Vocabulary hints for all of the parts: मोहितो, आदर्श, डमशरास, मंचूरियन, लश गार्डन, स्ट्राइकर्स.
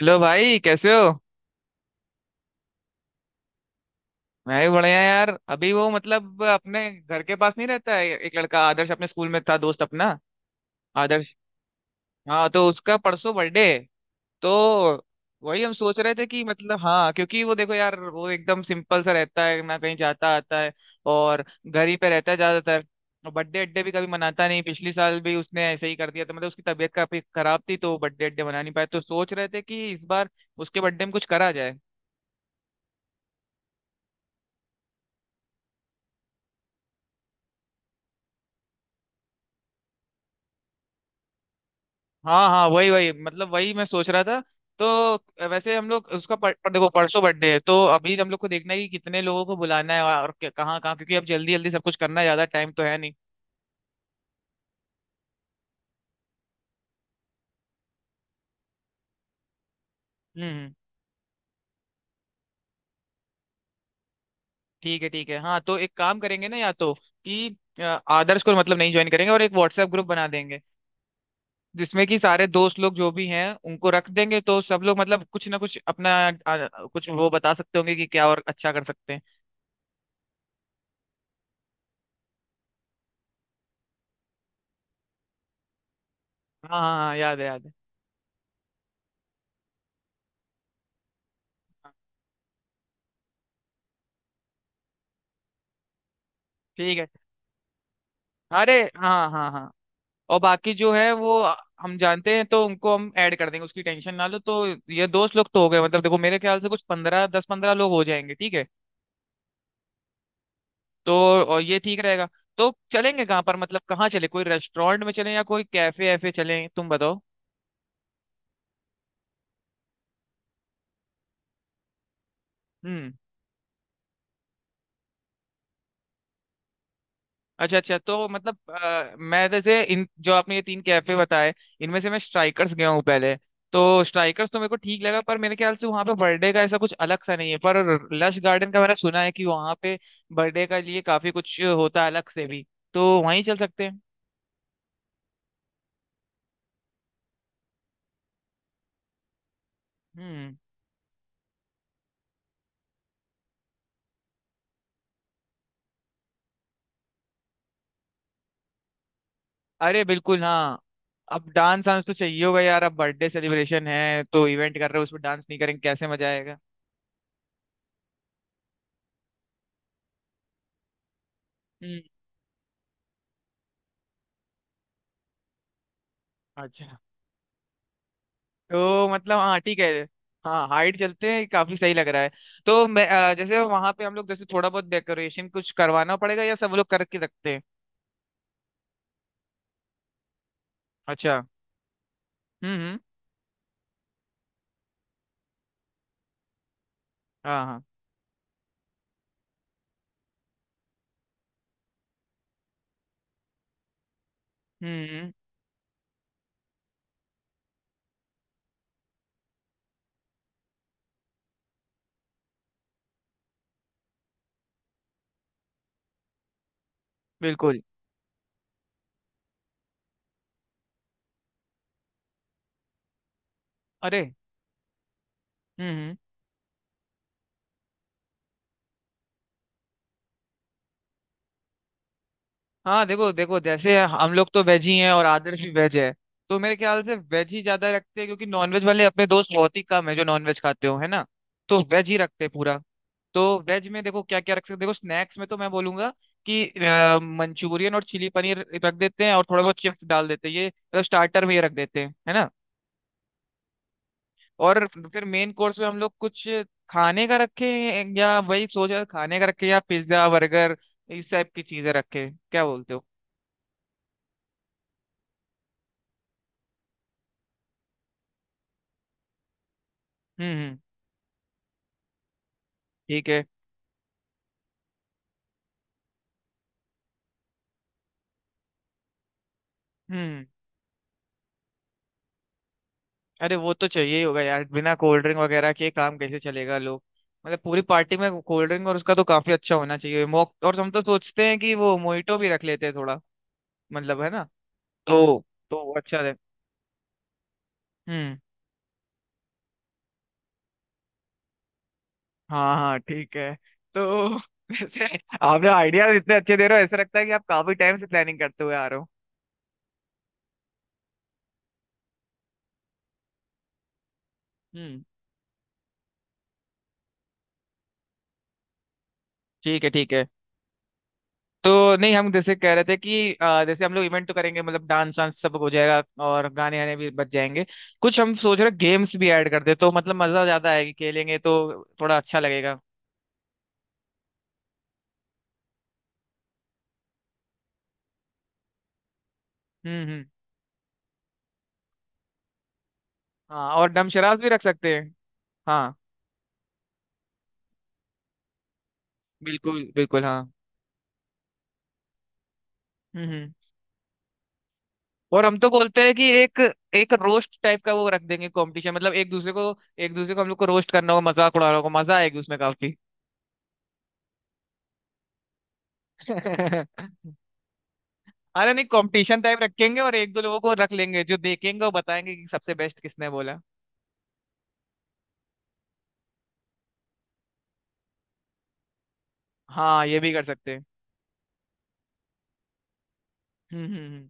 Hello भाई कैसे हो। मैं भी बढ़िया यार। अभी वो अपने घर के पास नहीं रहता है एक लड़का, आदर्श, अपने स्कूल में था, दोस्त अपना। आदर्श। हाँ, तो उसका परसों बर्थडे है। तो वही हम सोच रहे थे कि हाँ, क्योंकि वो देखो यार वो एकदम सिंपल सा रहता है ना, कहीं जाता आता है और घर ही पे रहता है ज्यादातर। और बर्थडे अड्डे भी कभी मनाता नहीं, पिछले साल भी उसने ऐसे ही कर दिया तो उसकी तबीयत काफी खराब थी तो बर्थडे अड्डे मना नहीं पाया। तो सोच रहे थे कि इस बार उसके बर्थडे में कुछ करा जाए। हाँ हाँ, वही वही, मतलब वही मैं सोच रहा था। तो वैसे हम लोग उसका पर देखो, परसों बर्थडे है तो अभी हम लोग को देखना है कि कितने लोगों को बुलाना है और कहाँ कहाँ, क्योंकि अब जल्दी जल्दी सब कुछ करना है, ज्यादा टाइम तो है नहीं। हम्म। ठीक है, ठीक है। हाँ, तो एक काम करेंगे ना, या तो आदर्श को नहीं ज्वाइन करेंगे और एक व्हाट्सएप ग्रुप बना देंगे जिसमें कि सारे दोस्त लोग जो भी हैं उनको रख देंगे, तो सब लोग कुछ ना कुछ अपना कुछ वो बता सकते होंगे कि क्या और अच्छा कर सकते हैं। हाँ हाँ हाँ, याद है याद है। हाँ, ठीक है। अरे हाँ हाँ हाँ। और बाकी जो है वो हम जानते हैं तो उनको हम ऐड कर देंगे, उसकी टेंशन ना लो। तो ये दोस्त लोग तो हो गए, देखो मेरे ख्याल से कुछ 15 10 15 लोग हो जाएंगे, ठीक है। तो और ये ठीक रहेगा। तो चलेंगे कहाँ पर, कहाँ चले? कोई रेस्टोरेंट में चलें या कोई कैफे ऐफे चलें, तुम बताओ। हम्म। अच्छा अच्छा, तो मैं जैसे इन जो आपने ये तीन कैफे बताए, इनमें से मैं स्ट्राइकर्स गया हूँ पहले। तो स्ट्राइकर्स तो मेरे को ठीक लगा, पर मेरे ख्याल से वहां पे बर्थडे का ऐसा कुछ अलग सा नहीं है, पर लश गार्डन का मैंने सुना है कि वहां पे बर्थडे का लिए काफी कुछ होता है अलग से भी। तो वहीं चल सकते हैं। हम्म। अरे बिल्कुल हाँ। अब डांस वांस तो चाहिए होगा यार, अब बर्थडे सेलिब्रेशन है तो इवेंट कर रहे हो उसमें डांस नहीं करेंगे, कैसे मजा आएगा। हम्म। अच्छा। तो हाँ ठीक है। हाँ, हाइट चलते हैं, काफी सही लग रहा है। तो जैसे वहां पे हम लोग जैसे थोड़ा बहुत डेकोरेशन कुछ करवाना पड़ेगा या सब लोग करके रखते हैं? अच्छा। हम्म। हाँ हाँ। हम्म हम्म, बिल्कुल। अरे। हम्म। हाँ, देखो देखो, जैसे हम लोग तो वेज ही हैं और आदर्श भी वेज है। तो मेरे ख्याल से वेज ही ज्यादा रखते हैं, क्योंकि नॉनवेज वाले अपने दोस्त बहुत ही कम है जो नॉनवेज खाते हो, है ना। तो वेज ही रखते हैं पूरा। तो वेज में देखो क्या क्या रख सकते हैं। देखो, स्नैक्स में तो मैं बोलूंगा मंचूरियन और चिली पनीर रख देते हैं और थोड़ा बहुत चिप्स डाल देते हैं। ये स्टार्टर में ये रख देते हैं, है ना। और फिर मेन कोर्स में हम लोग कुछ खाने का रखे या वही सोच रहे हैं, खाने का रखे या पिज्जा बर्गर इस टाइप की चीजें रखे, क्या बोलते हो? हम्म। ठीक है। हम्म। अरे वो तो चाहिए ही होगा यार, बिना कोल्ड ड्रिंक वगैरह के काम कैसे चलेगा लोग। पूरी पार्टी में कोल्ड ड्रिंक और उसका तो काफी अच्छा होना चाहिए, मॉक। और हम तो सोचते हैं कि वो मोहितो भी रख लेते हैं थोड़ा, है ना। तो वो अच्छा रहे। हम्म। हाँ हाँ ठीक है। तो वैसे आपने आइडियाज इतने अच्छे दे रहे हो, ऐसा लगता है कि आप काफी टाइम से प्लानिंग करते हुए आ रहे हो। हम्म। ठीक है, ठीक है। तो नहीं, हम जैसे कह रहे थे जैसे हम लोग इवेंट तो करेंगे डांस वांस सब हो जाएगा और गाने आने भी बच जाएंगे, कुछ हम सोच रहे गेम्स भी ऐड कर दे तो मजा ज्यादा आएगी, खेलेंगे तो थोड़ा अच्छा लगेगा। हम्म। हाँ, और डमशरास भी रख सकते हैं। हाँ। बिल्कुल बिल्कुल हाँ। हम्म। और हम तो बोलते हैं कि एक एक रोस्ट टाइप का वो रख देंगे, कंपटीशन, एक दूसरे को, एक दूसरे को हम लोग को रोस्ट करना होगा, मजाक उड़ाना होगा, मजा आएगी उसमें काफी। अरे नहीं, कंपटीशन टाइप रखेंगे और एक दो लोगों को रख लेंगे जो देखेंगे, वो बताएंगे कि सबसे बेस्ट किसने बोला। हाँ, ये भी कर सकते हैं। हम्म हम्म हम्म।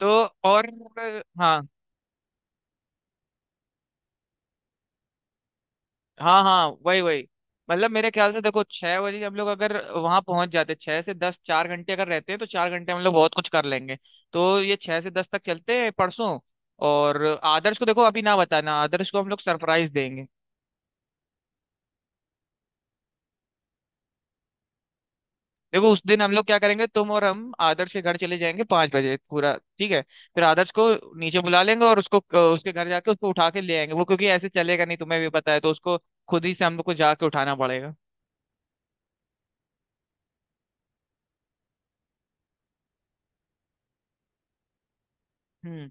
तो और हाँ हाँ हाँ, वही वही। मेरे ख्याल से देखो, 6 बजे हम लोग अगर वहां पहुंच जाते, 6 से 10, 4 घंटे अगर रहते हैं तो 4 घंटे हम लोग बहुत कुछ कर लेंगे। तो ये 6 से 10 तक चलते हैं परसों। और आदर्श को देखो अभी ना बताना, आदर्श को हम लोग सरप्राइज देंगे। देखो उस दिन हम लोग क्या करेंगे, तुम और हम आदर्श के घर चले जाएंगे 5 बजे पूरा, ठीक है। फिर आदर्श को नीचे बुला लेंगे और उसको उसके घर जाके उसको उठा के ले आएंगे, वो क्योंकि ऐसे चलेगा नहीं, तुम्हें भी पता है। तो उसको खुद ही से हम लोग को जाके उठाना पड़ेगा। हम्म।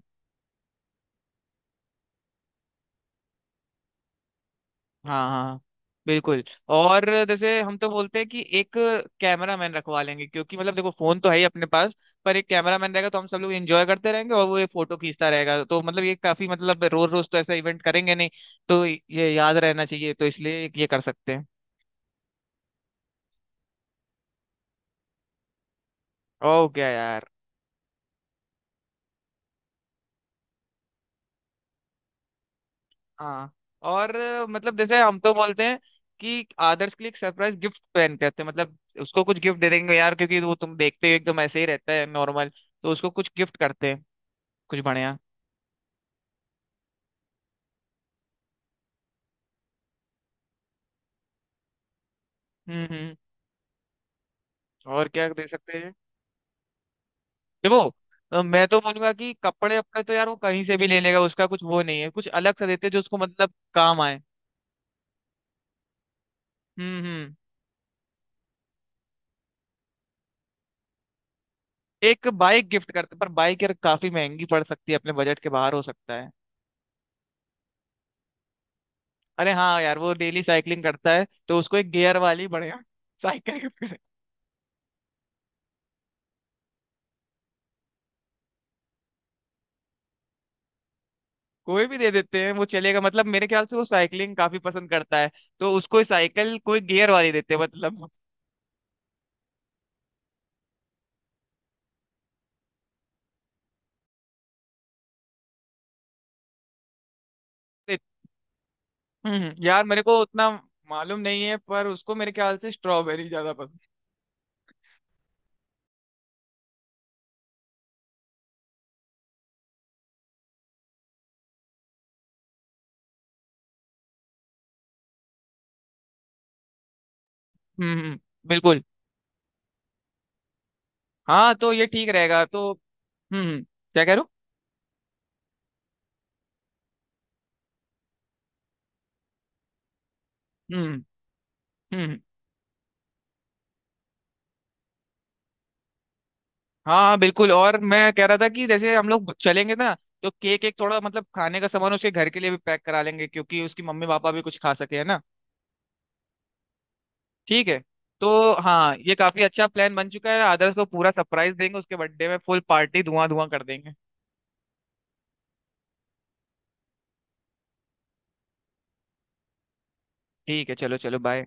हाँ हाँ। बिल्कुल। और जैसे हम तो बोलते हैं कि एक कैमरा मैन रखवा लेंगे, क्योंकि देखो फोन तो है ही अपने पास, पर एक कैमरा मैन रहेगा तो हम सब लोग एंजॉय करते रहेंगे और वो ये फोटो खींचता रहेगा। तो मतलब ये काफी मतलब रोज रोज तो ऐसा इवेंट करेंगे नहीं, तो ये याद रहना चाहिए, तो इसलिए ये कर सकते हैं। ओके यार। हाँ जैसे हम तो बोलते हैं कि आदर्श के लिए एक सरप्राइज गिफ्ट प्लान करते हैं, उसको कुछ गिफ्ट दे देंगे यार, क्योंकि वो तुम देखते हो एकदम ऐसे ही रहता है, नॉर्मल। तो उसको कुछ गिफ्ट करते हैं, कुछ बढ़िया। हम्म। और क्या दे सकते हैं? देखो मैं तो बोलूंगा कि कपड़े वपड़े तो यार वो कहीं से भी ले लेगा, उसका कुछ वो नहीं है, कुछ अलग सा देते जो उसको काम आए। हम्म। एक बाइक गिफ्ट करते, पर बाइक यार काफी महंगी पड़ सकती है, अपने बजट के बाहर हो सकता है। अरे हाँ यार, वो डेली साइकिलिंग करता है तो उसको एक गियर वाली बढ़िया साइकिल गिफ्ट करें। कोई भी दे देते हैं, वो चलेगा। मेरे ख्याल से वो साइकिलिंग काफी पसंद करता है, तो उसको साइकिल कोई गियर वाली देते हैं, मतलब। हम्म, यार मेरे को उतना मालूम नहीं है, पर उसको मेरे ख्याल से स्ट्रॉबेरी ज्यादा पसंद है। बिल्कुल। हाँ, तो ये ठीक रहेगा। तो हम्म हम्म, क्या कह रहा हूँ। हम्म। हाँ हाँ, बिल्कुल। और मैं कह रहा था कि जैसे हम लोग चलेंगे ना तो केक एक थोड़ा खाने का सामान उसके घर के लिए भी पैक करा लेंगे क्योंकि उसकी मम्मी पापा भी कुछ खा सके, है ना। ठीक है। तो हाँ, ये काफी अच्छा प्लान बन चुका है, आदर्श को पूरा सरप्राइज देंगे, उसके बर्थडे में फुल पार्टी धुआं धुआं कर देंगे। ठीक है, चलो चलो, बाय।